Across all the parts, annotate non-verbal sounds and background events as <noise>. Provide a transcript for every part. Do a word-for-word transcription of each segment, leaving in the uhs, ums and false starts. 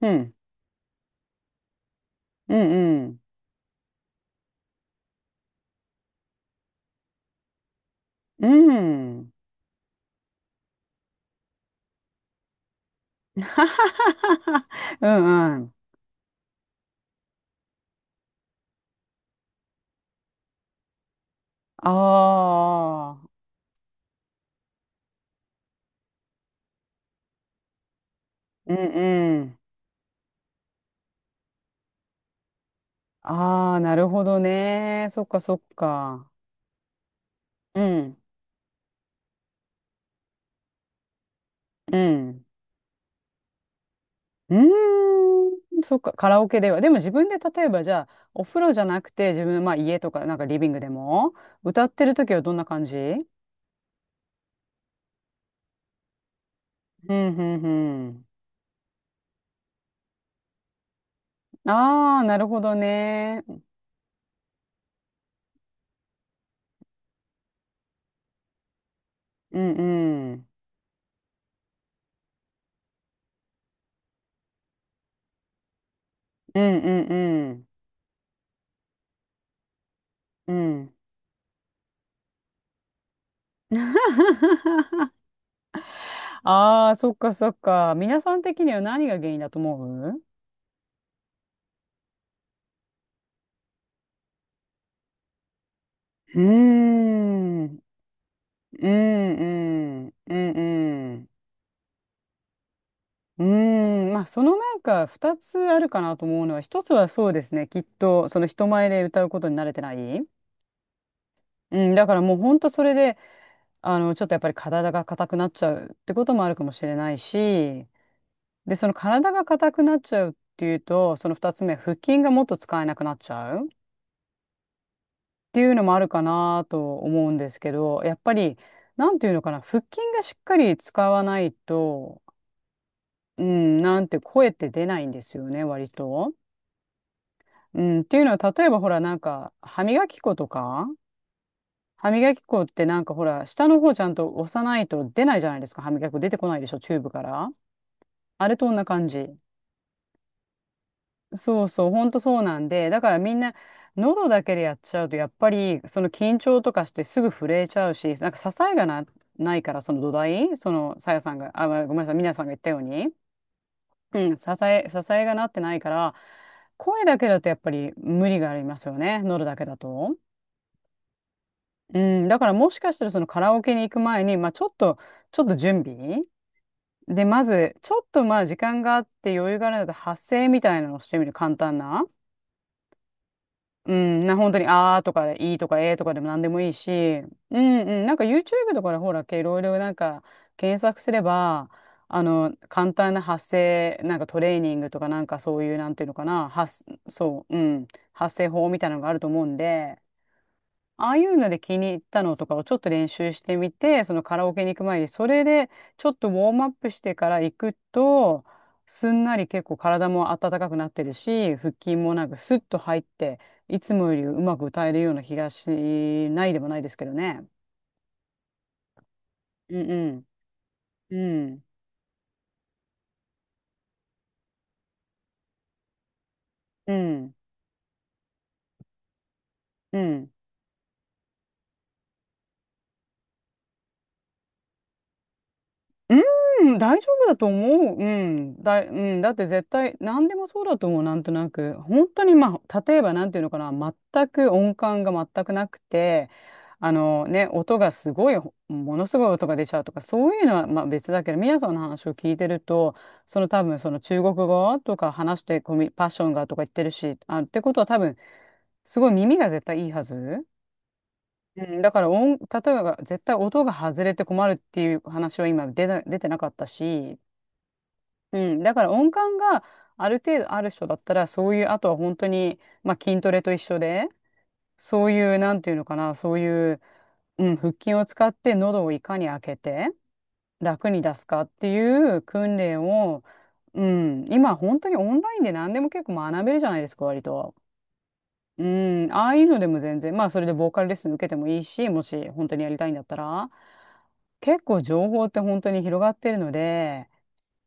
うん、うん、うん、うん。<laughs> うんうん。ああ、うんうん。ああ、なるほどね。そっかそっか。うん、うん。うーん、そっか、カラオケでは。でも自分で例えばじゃあ、お風呂じゃなくて自分の、まあ、家とかなんかリビングでも歌ってる時はどんな感じ？うん、うん、うん。ああ、なるほどね。うん、うん。うん、うん、うん。うん。ああ、そっかそっか。皆さん的には何が原因だと思う？うーん、うん、うん、うん、うん。うーん、まあそのなんか二つあるかなと思うのは一つはそうですねきっとその人前で歌うことに慣れてない、うん、だからもうほんとそれであのちょっとやっぱり体が硬くなっちゃうってこともあるかもしれないし、でその体が硬くなっちゃうっていうとその二つ目、腹筋がもっと使えなくなっちゃうっていうのもあるかなと思うんですけど、やっぱり、なんていうのかな、腹筋がしっかり使わないと、うん、なんて声って出ないんですよね、割と。うん、っていうのは、例えばほら、なんか、歯磨き粉とか、歯磨き粉ってなんかほら、下の方ちゃんと押さないと出ないじゃないですか、歯磨き粉出てこないでしょ、チューブから。あれと同じ感じ。そうそう、ほんとそうなんで、だからみんな、喉だけでやっちゃうと、やっぱり、その緊張とかしてすぐ震えちゃうし、なんか支えがな、ないから、その土台、その、さやさんが、あ、ごめんなさい、みなさんが言ったように、うん、支え、支えがなってないから、声だけだとやっぱり無理がありますよね、喉だけだと。うん、だからもしかしたらそのカラオケに行く前に、まあちょっと、ちょっと準備で、まず、ちょっとまあ時間があって余裕があるので発声みたいなのをしてみる、簡単な。うん、な、本当に、あーとか、いいとか、えーとかでも何でもいいし、うんうん、なんか YouTube とかでほら、いろいろなんか検索すれば、あの、簡単な発声、なんかトレーニングとか、なんかそういう、なんていうのかな、発、そう、うん、発声法みたいなのがあると思うんで、ああいうので気に入ったのとかをちょっと練習してみて、そのカラオケに行く前に、それでちょっとウォームアップしてから行くと、すんなり結構体も温かくなってるし、腹筋もなんかスッと入って、いつもよりうまく歌えるような気がしないでもないですけどね。うんうん。うん。うん。うん。うーん、大丈夫だと思う。うん。だうん。だって絶対、何でもそうだと思う、なんとなく。本当に、まあ、例えば、なんていうのかな、全く音感が全くなくて、あのね、音がすごい、ものすごい音が出ちゃうとか、そういうのは、まあ、別だけど、皆さんの話を聞いてると、その多分、その中国語とか話してコミ、パッションがとか言ってるし、あ、ってことは多分、すごい耳が絶対いいはず。うん、だから音、例えば絶対音が外れて困るっていう話は今出な、出てなかったし、うん、だから音感がある程度ある人だったらそういうあとは本当に、まあ、筋トレと一緒でそういうなんていうのかなそういう、うん、腹筋を使って喉をいかに開けて楽に出すかっていう訓練を、うん、今本当にオンラインで何でも結構学べるじゃないですか割と。うん、ああいうのでも全然まあそれでボーカルレッスン受けてもいいし、もし本当にやりたいんだったら結構情報って本当に広がってるので。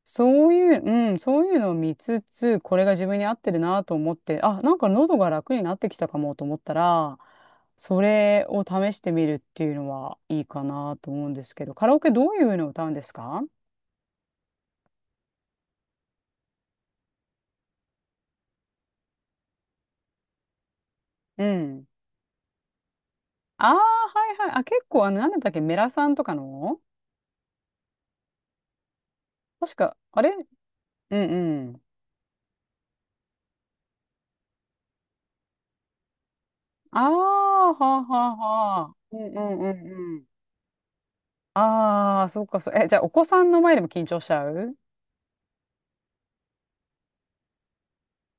そういう、うん、そういうのを見つつ、これが自分に合ってるなと思って、あ、なんか喉が楽になってきたかもと思ったら、それを試してみるっていうのはいいかなと思うんですけど、カラオケどういうのを歌うんですか？うん。ああ、はいはい。あ、結構、あの、なんだったっけ、メラさんとかの確か、あれ。うんうん。ああ、はあはあはあ。うんうんうんうん。ああ、そうかそう。え、じゃあ、お子さんの前でも緊張しちゃう？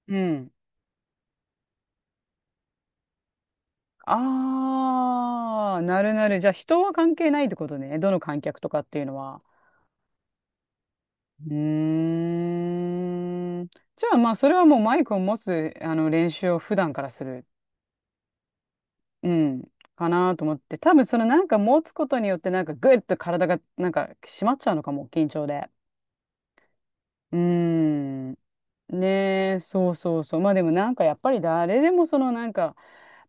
うん。ああ、なるなる。じゃあ人は関係ないってことね。どの観客とかっていうのは。うーん。じゃあまあそれはもうマイクを持つあの練習を普段からする。うん。かなと思って。多分そのなんか持つことによってなんかグッと体がなんか締まっちゃうのかも。緊張で。うーん。ねえ、そうそうそう。まあでもなんかやっぱり誰でもそのなんか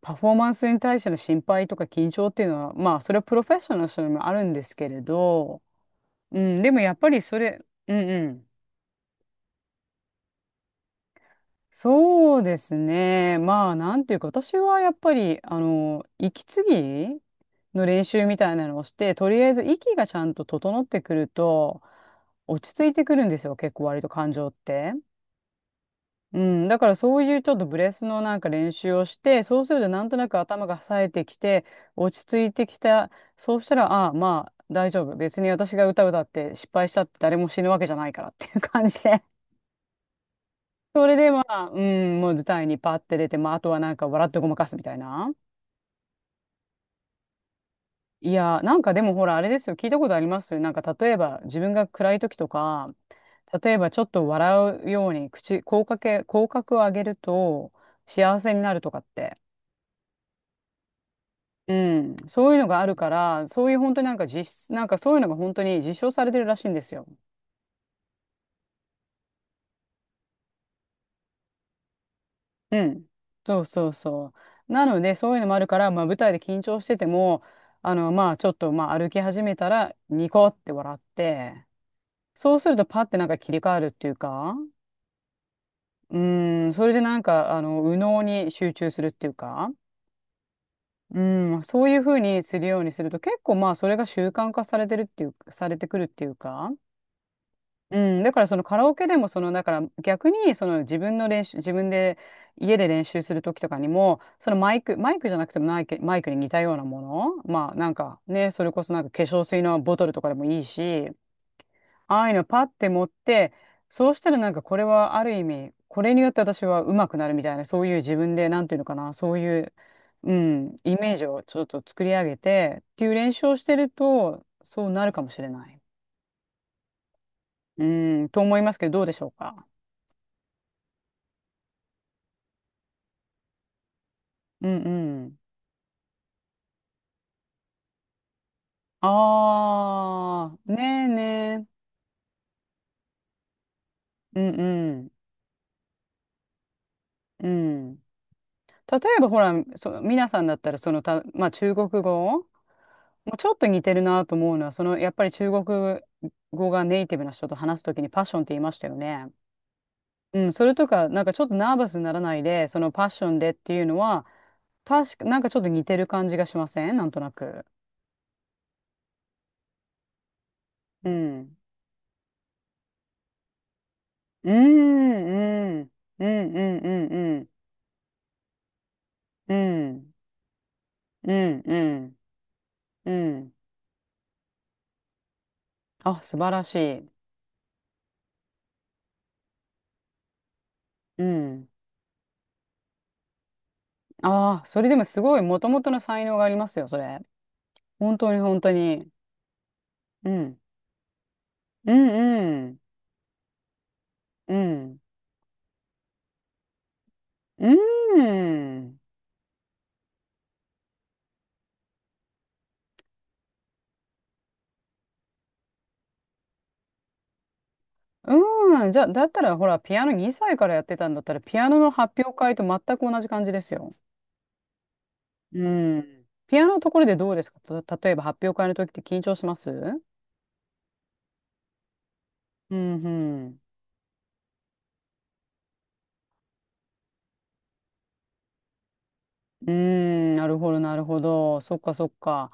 パフォーマンスに対しての心配とか緊張っていうのは、まあそれはプロフェッショナルの人にもあるんですけれど、うん、でもやっぱりそれ、うんうん。そうですね。まあなんていうか私はやっぱり、あの、息継ぎの練習みたいなのをして、とりあえず息がちゃんと整ってくると落ち着いてくるんですよ。結構割と感情って。うん、だからそういうちょっとブレスのなんか練習をして、そうするとなんとなく頭が冴えてきて、落ち着いてきた。そうしたら、ああ、まあ大丈夫。別に私が歌歌って失敗したって誰も死ぬわけじゃないからっていう <laughs> 感じで。<laughs> それでまあ、うん、もう舞台にパッて出て、まああとはなんか笑ってごまかすみたいな。いやー、なんかでもほらあれですよ。聞いたことありますなんか例えば自分が暗い時とか、例えばちょっと笑うように口、口角、口角を上げると幸せになるとかって。うん、そういうのがあるから、そういう本当になんか実質、なんかそういうのが本当に実証されてるらしいんですよ。うん。そうそうそう。なので、そういうのもあるから、まあ舞台で緊張してても、あの、まあちょっと、まあ歩き始めたら、ニコって笑って、そうするとパッてなんか切り替わるっていうか、うん、それでなんか、あの、右脳に集中するっていうか、うん、そういうふうにするようにすると、結構まあそれが習慣化されてるっていう、されてくるっていうか、うん、だからそのカラオケでもそのだから逆にその自分の練習自分で家で練習する時とかにもそのマイクマイクじゃなくてもマイク、マイクに似たようなものまあなんかねそれこそなんか化粧水のボトルとかでもいいし、ああいうのパッて持って、そうしたらなんかこれはある意味これによって私は上手くなるみたいな、そういう自分でなんていうのかな、そういう、うん、イメージをちょっと作り上げてっていう練習をしてるとそうなるかもしれない、うん、と思いますけど、どうでしょうか。うんうん。ああ、ねえねえ。うんうん。うん。例えばほら、そ、皆さんだったらそのた、まあ中国語もうちょっと似てるなと思うのは、そのやっぱり中国語がネイティブな人と話すときにパッションって言いましたよね。うん、それとか、なんかちょっとナーバスにならないで、そのパッションでっていうのは、確か、なんかちょっと似てる感じがしません、なんとなく。うん。うん、うん、うん、うん、うん、うん。うんうん、うん、うん。あ、素晴らしい。うん。ああ、それでもすごい、もともとの才能がありますよ、それ。本当に、本当に。うん。うん、うん。うん。うん。うん。じゃあ、だったら、ほら、ピアノにさいからやってたんだったら、ピアノの発表会と全く同じ感じですよ。うん。ピアノのところでどうですか、た、例えば、発表会の時って緊張します？うん、うん。うーん、なるほど、なるほど。そっか、そっか。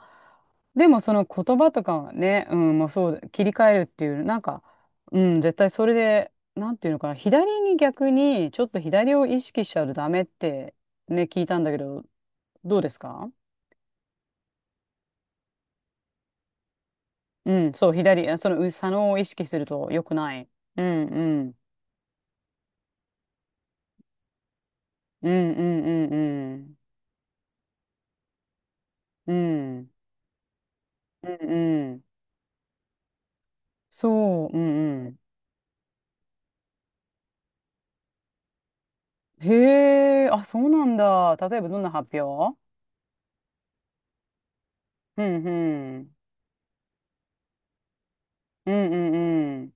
でも、その言葉とかはね、うん、まあそう、切り替えるっていう、なんか、うん、絶対それで、なんていうのかな、左に逆に、ちょっと左を意識しちゃうとダメって、ね、聞いたんだけど、どうですか？うん、そう、左、あその、う、左脳を意識すると良くない。うん、うん、うん、うん、うん、うん、うん、うん、うん、そう、うん、うん。へえ、あ、そうなんだ。例えば、どんな発表？うん、うん。うん、うんうん。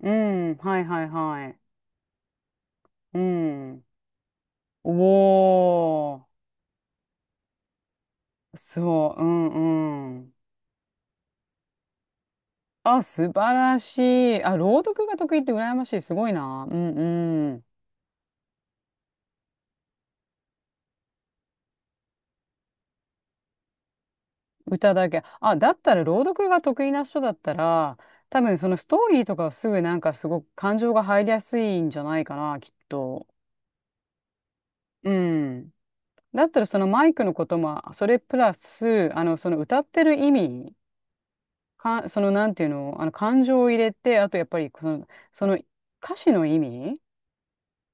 うん、はいはいはい。うん。おー。そう、うん、うん。あ、素晴らしい。あ、朗読が得意って羨ましい。すごいな。うん、うん。歌だけ。あ、だったら朗読が得意な人だったら、多分そのストーリーとかはすぐなんかすごく感情が入りやすいんじゃないかな、きっと。うん。だったらそのマイクのことも、それプラス、あの、その歌ってる意味、か、その、なんていうの、あの、感情を入れて、あと、やっぱり、その、その歌詞の意味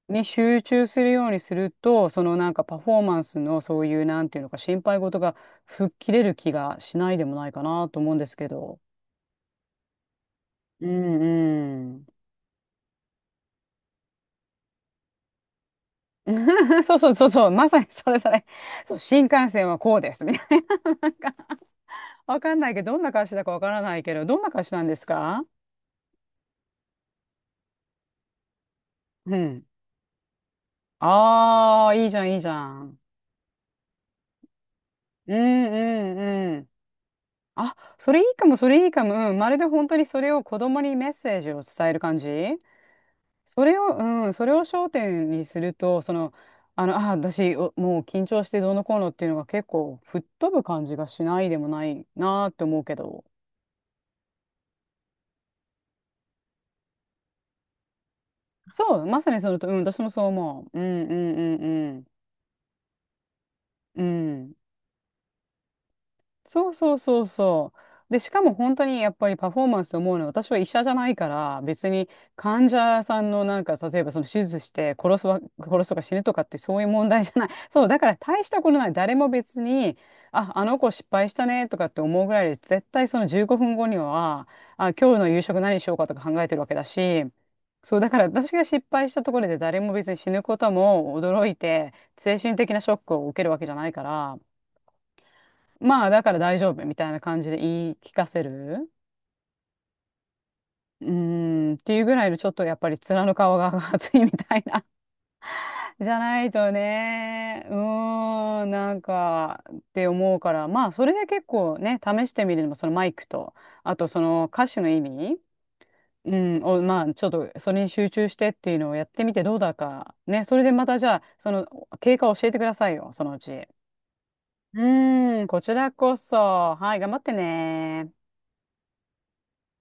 に集中するようにすると、その、なんか、パフォーマンスの、そういう、なんていうのか、心配事が吹っ切れる気がしないでもないかなと思うんですけど。うんうん。<laughs> そうそうそうそう、まさにそれそれ。そう、新幹線はこうです、みたいな、なんか、わかんないけど、どんな歌詞だかわからないけど、どんな歌詞なんですか？うん。ああー、いいじゃん、いいじゃん。うんうんうん。あ、それいいかも、それいいかも。うん、まるで本当にそれを子供にメッセージを伝える感じ。それを、うん、それを焦点にすると、その、あの、あ、私、おもう緊張してどうのこうのっていうのが結構吹っ飛ぶ感じがしないでもないなって思うけど。そう、まさにそのと、うん、私もそう思う。うんうんうんうん。うん。そうそうそうそう。で、しかも本当にやっぱりパフォーマンスと思うのは、私は医者じゃないから、別に患者さんのなんか、例えばその手術して殺すわ、殺すとか死ぬとかって、そういう問題じゃない。<laughs> そう、だから大したことない。誰も別に、あ、あの子失敗したねとかって思うぐらいで、絶対そのじゅうごふんごには、あ、今日の夕食何しようかとか考えてるわけだし、そう、だから私が失敗したところで誰も別に死ぬことも驚いて、精神的なショックを受けるわけじゃないから、まあ、だから大丈夫みたいな感じで言い聞かせる。うーん、っていうぐらいの、ちょっとやっぱり面の顔が熱いみたいな <laughs>。じゃないとね、うーん、なんかって思うから、まあ、それで結構ね、試してみるのも、そのマイクと、あとその歌詞の意味、うん、を、まあ、ちょっとそれに集中してっていうのをやってみてどうだか。ね、それでまたじゃあ、その経過を教えてくださいよ、そのうち。うーん、こちらこそ。はい、頑張ってね。